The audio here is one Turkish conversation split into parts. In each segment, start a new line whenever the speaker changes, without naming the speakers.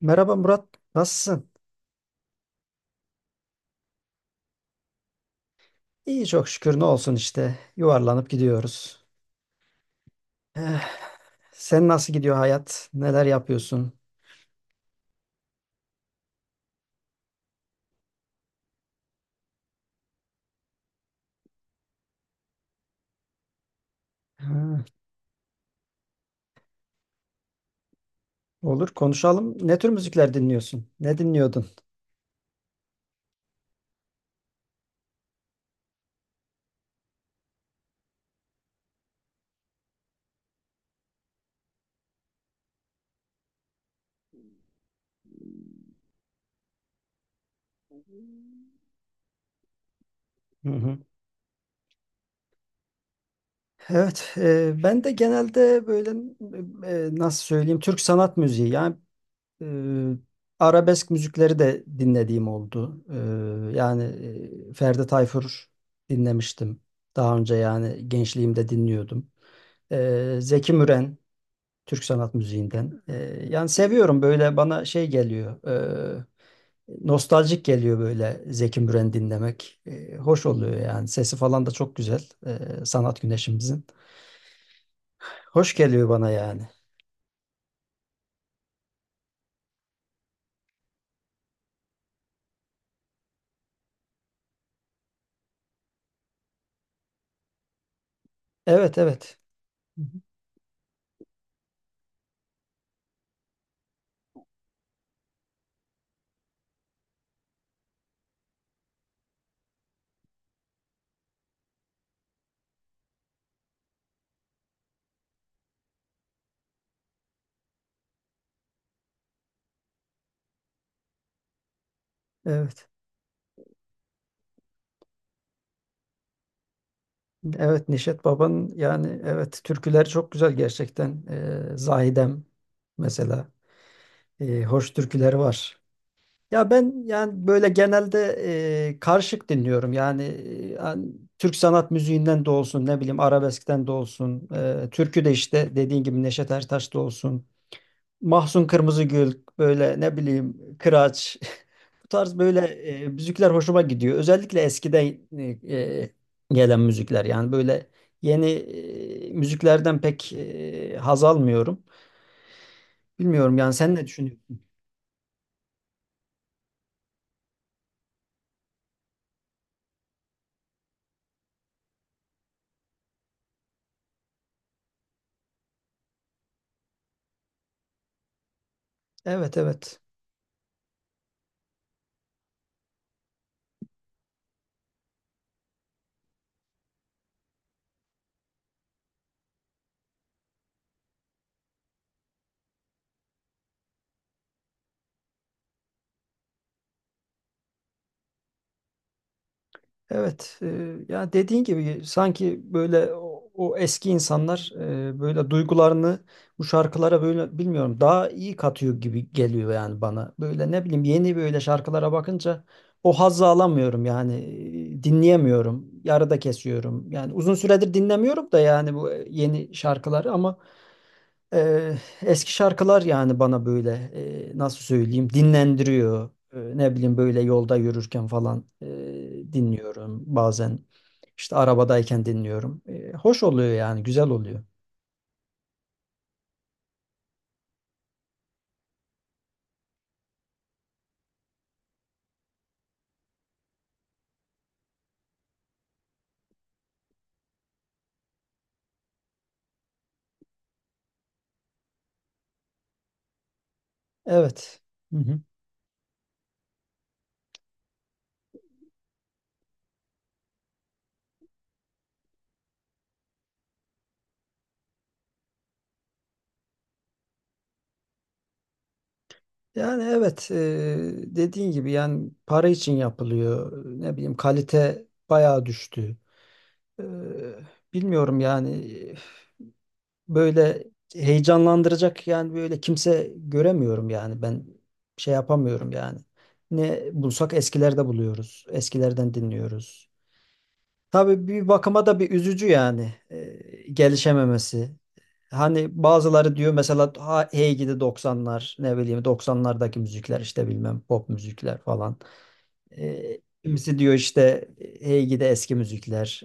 Merhaba Murat, nasılsın? İyi çok şükür ne olsun işte. Yuvarlanıp gidiyoruz. Eh, sen nasıl gidiyor hayat? Neler yapıyorsun? Ha, olur konuşalım. Ne tür müzikler dinliyorsun? Ne dinliyordun? Hı hı. Evet, ben de genelde böyle nasıl söyleyeyim Türk sanat müziği. Eee, Arabesk müzikleri de dinlediğim oldu. Ferdi Tayfur dinlemiştim. Daha önce yani gençliğimde dinliyordum. Zeki Müren Türk sanat müziğinden. Yani seviyorum böyle bana şey geliyor. Nostaljik geliyor böyle Zeki Müren dinlemek. Hoş oluyor yani. Sesi falan da çok güzel. Sanat güneşimizin. Hoş geliyor bana yani. Evet evet. Hı hı. Evet. Evet, Neşet Baba'nın yani evet türküleri çok güzel gerçekten. Zahidem mesela. Hoş türküleri var. Ya ben yani böyle genelde karışık dinliyorum. Yani Türk sanat müziğinden de olsun, ne bileyim arabeskten de olsun, türkü de işte dediğin gibi Neşet Ertaş'ta olsun, Mahsun Kırmızıgül böyle ne bileyim Kıraç bu tarz böyle müzikler hoşuma gidiyor. Özellikle eskiden e, e, gelen müzikler yani böyle yeni müziklerden pek haz almıyorum. Bilmiyorum yani sen ne düşünüyorsun? Evet evet. Evet, ya dediğin gibi sanki böyle o eski insanlar böyle duygularını bu şarkılara böyle bilmiyorum daha iyi katıyor gibi geliyor yani bana. Böyle ne bileyim yeni böyle şarkılara bakınca o hazzı alamıyorum yani dinleyemiyorum, yarıda kesiyorum. Yani uzun süredir dinlemiyorum da yani bu yeni şarkıları ama eski şarkılar yani bana böyle nasıl söyleyeyim dinlendiriyor. Ne bileyim böyle yolda yürürken falan dinliyorum. Bazen işte arabadayken dinliyorum. Hoş oluyor yani güzel oluyor. Evet. Hı hı. Yani evet dediğin gibi yani para için yapılıyor. Ne bileyim kalite bayağı düştü. Eee, Bilmiyorum yani böyle heyecanlandıracak yani böyle kimse göremiyorum yani ben şey yapamıyorum yani. Ne bulsak eskilerde buluyoruz. Eskilerden dinliyoruz. Tabii bir bakıma da bir üzücü yani gelişememesi. Hani bazıları diyor mesela ha, hey gidi 90'lar ne bileyim 90'lardaki müzikler işte bilmem pop müzikler falan. Kimisi diyor işte hey gidi eski müzikler.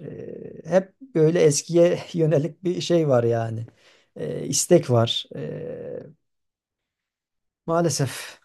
Hep böyle eskiye yönelik bir şey var yani. İstek var. Maalesef.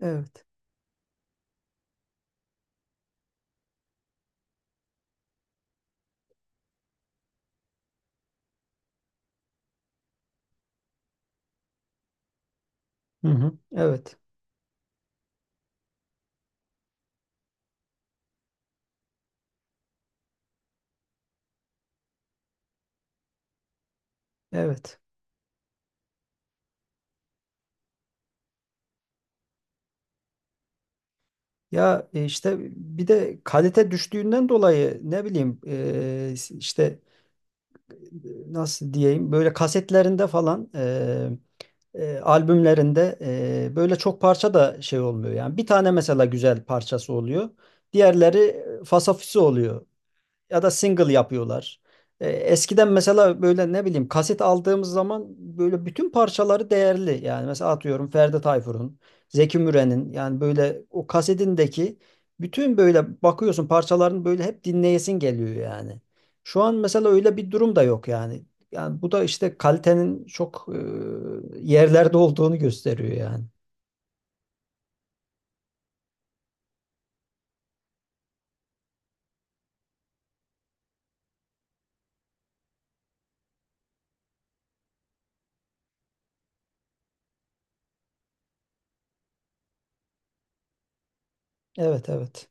Evet. Hı hı. Evet. Evet. Ya işte bir de kalite düştüğünden dolayı ne bileyim işte nasıl diyeyim böyle kasetlerinde falan albümlerinde böyle çok parça da şey olmuyor yani. Bir tane mesela güzel parçası oluyor. Diğerleri fasafisi oluyor ya da single yapıyorlar. Eskiden mesela böyle ne bileyim kaset aldığımız zaman böyle bütün parçaları değerli. Yani mesela atıyorum Ferdi Tayfur'un, Zeki Müren'in yani böyle o kasetindeki bütün böyle bakıyorsun parçaların böyle hep dinleyesin geliyor yani. Şu an mesela öyle bir durum da yok yani. Yani bu da işte kalitenin çok yerlerde olduğunu gösteriyor yani. Evet evet.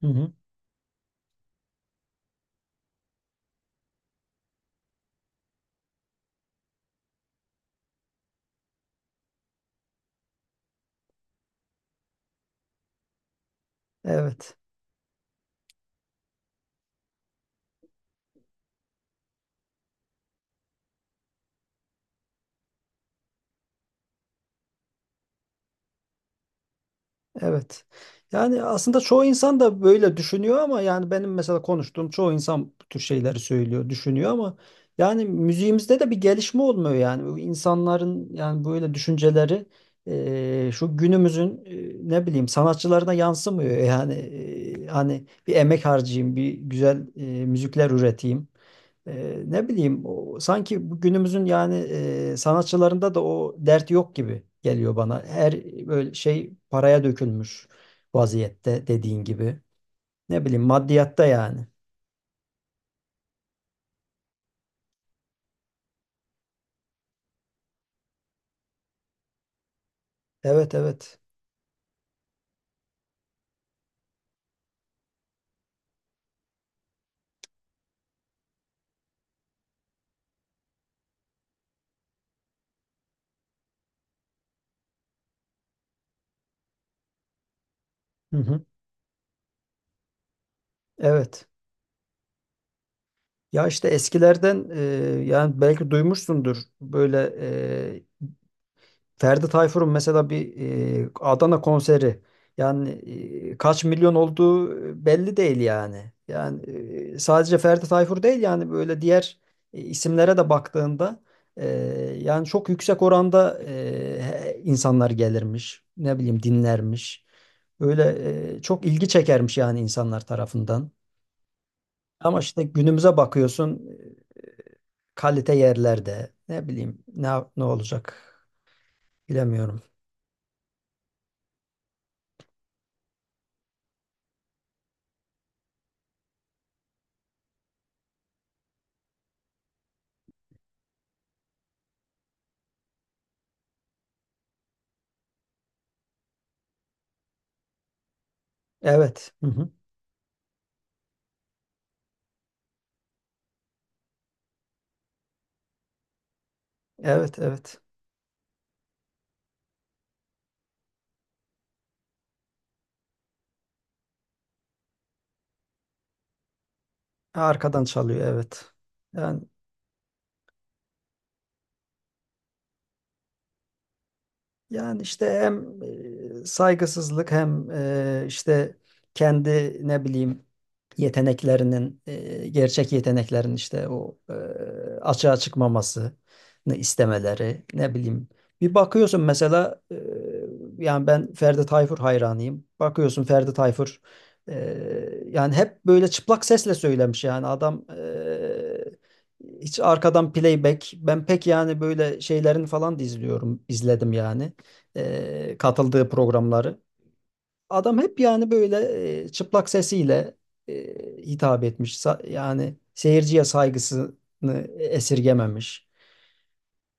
Hı hı. Evet. Evet. Yani aslında çoğu insan da böyle düşünüyor ama yani benim mesela konuştuğum çoğu insan bu tür şeyleri söylüyor, düşünüyor ama yani müziğimizde de bir gelişme olmuyor yani. Bu insanların yani böyle düşünceleri şu günümüzün ne bileyim sanatçılarına yansımıyor. Yani hani bir emek harcayayım, bir güzel müzikler üreteyim. Ne bileyim sanki bu günümüzün yani sanatçılarında da o dert yok gibi geliyor bana. Her böyle şey paraya dökülmüş vaziyette dediğin gibi. Ne bileyim maddiyatta yani. Evet evet. Hı hı. Evet. Ya işte eskilerden yani belki duymuşsundur böyle Ferdi Tayfur'un mesela bir Adana konseri yani kaç milyon olduğu belli değil yani. Yani sadece Ferdi Tayfur değil yani böyle diğer isimlere de baktığında e, yani çok yüksek oranda insanlar gelirmiş. Ne bileyim dinlermiş. Öyle çok ilgi çekermiş yani insanlar tarafından. Ama işte günümüze bakıyorsun e, kalite yerlerde ne bileyim ne olacak bilemiyorum. Evet. Hı hı. Evet, evet. Arkadan çalıyor, evet. Yani Yani işte hem saygısızlık hem işte kendi ne bileyim yeteneklerinin gerçek yeteneklerin işte açığa çıkmamasını istemeleri ne bileyim. Bir bakıyorsun mesela yani ben Ferdi Tayfur hayranıyım. Bakıyorsun Ferdi Tayfur e, yani hep böyle çıplak sesle söylemiş yani adam hiç arkadan playback ben pek yani böyle şeylerini falan da izledim yani katıldığı programları. Adam hep yani böyle çıplak sesiyle e, hitap etmiş. Sa- yani seyirciye saygısını esirgememiş.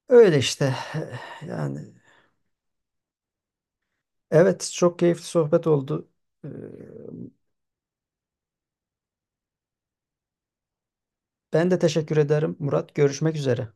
Öyle işte. Yani evet çok keyifli sohbet oldu. E, Ben de teşekkür ederim Murat. Görüşmek üzere.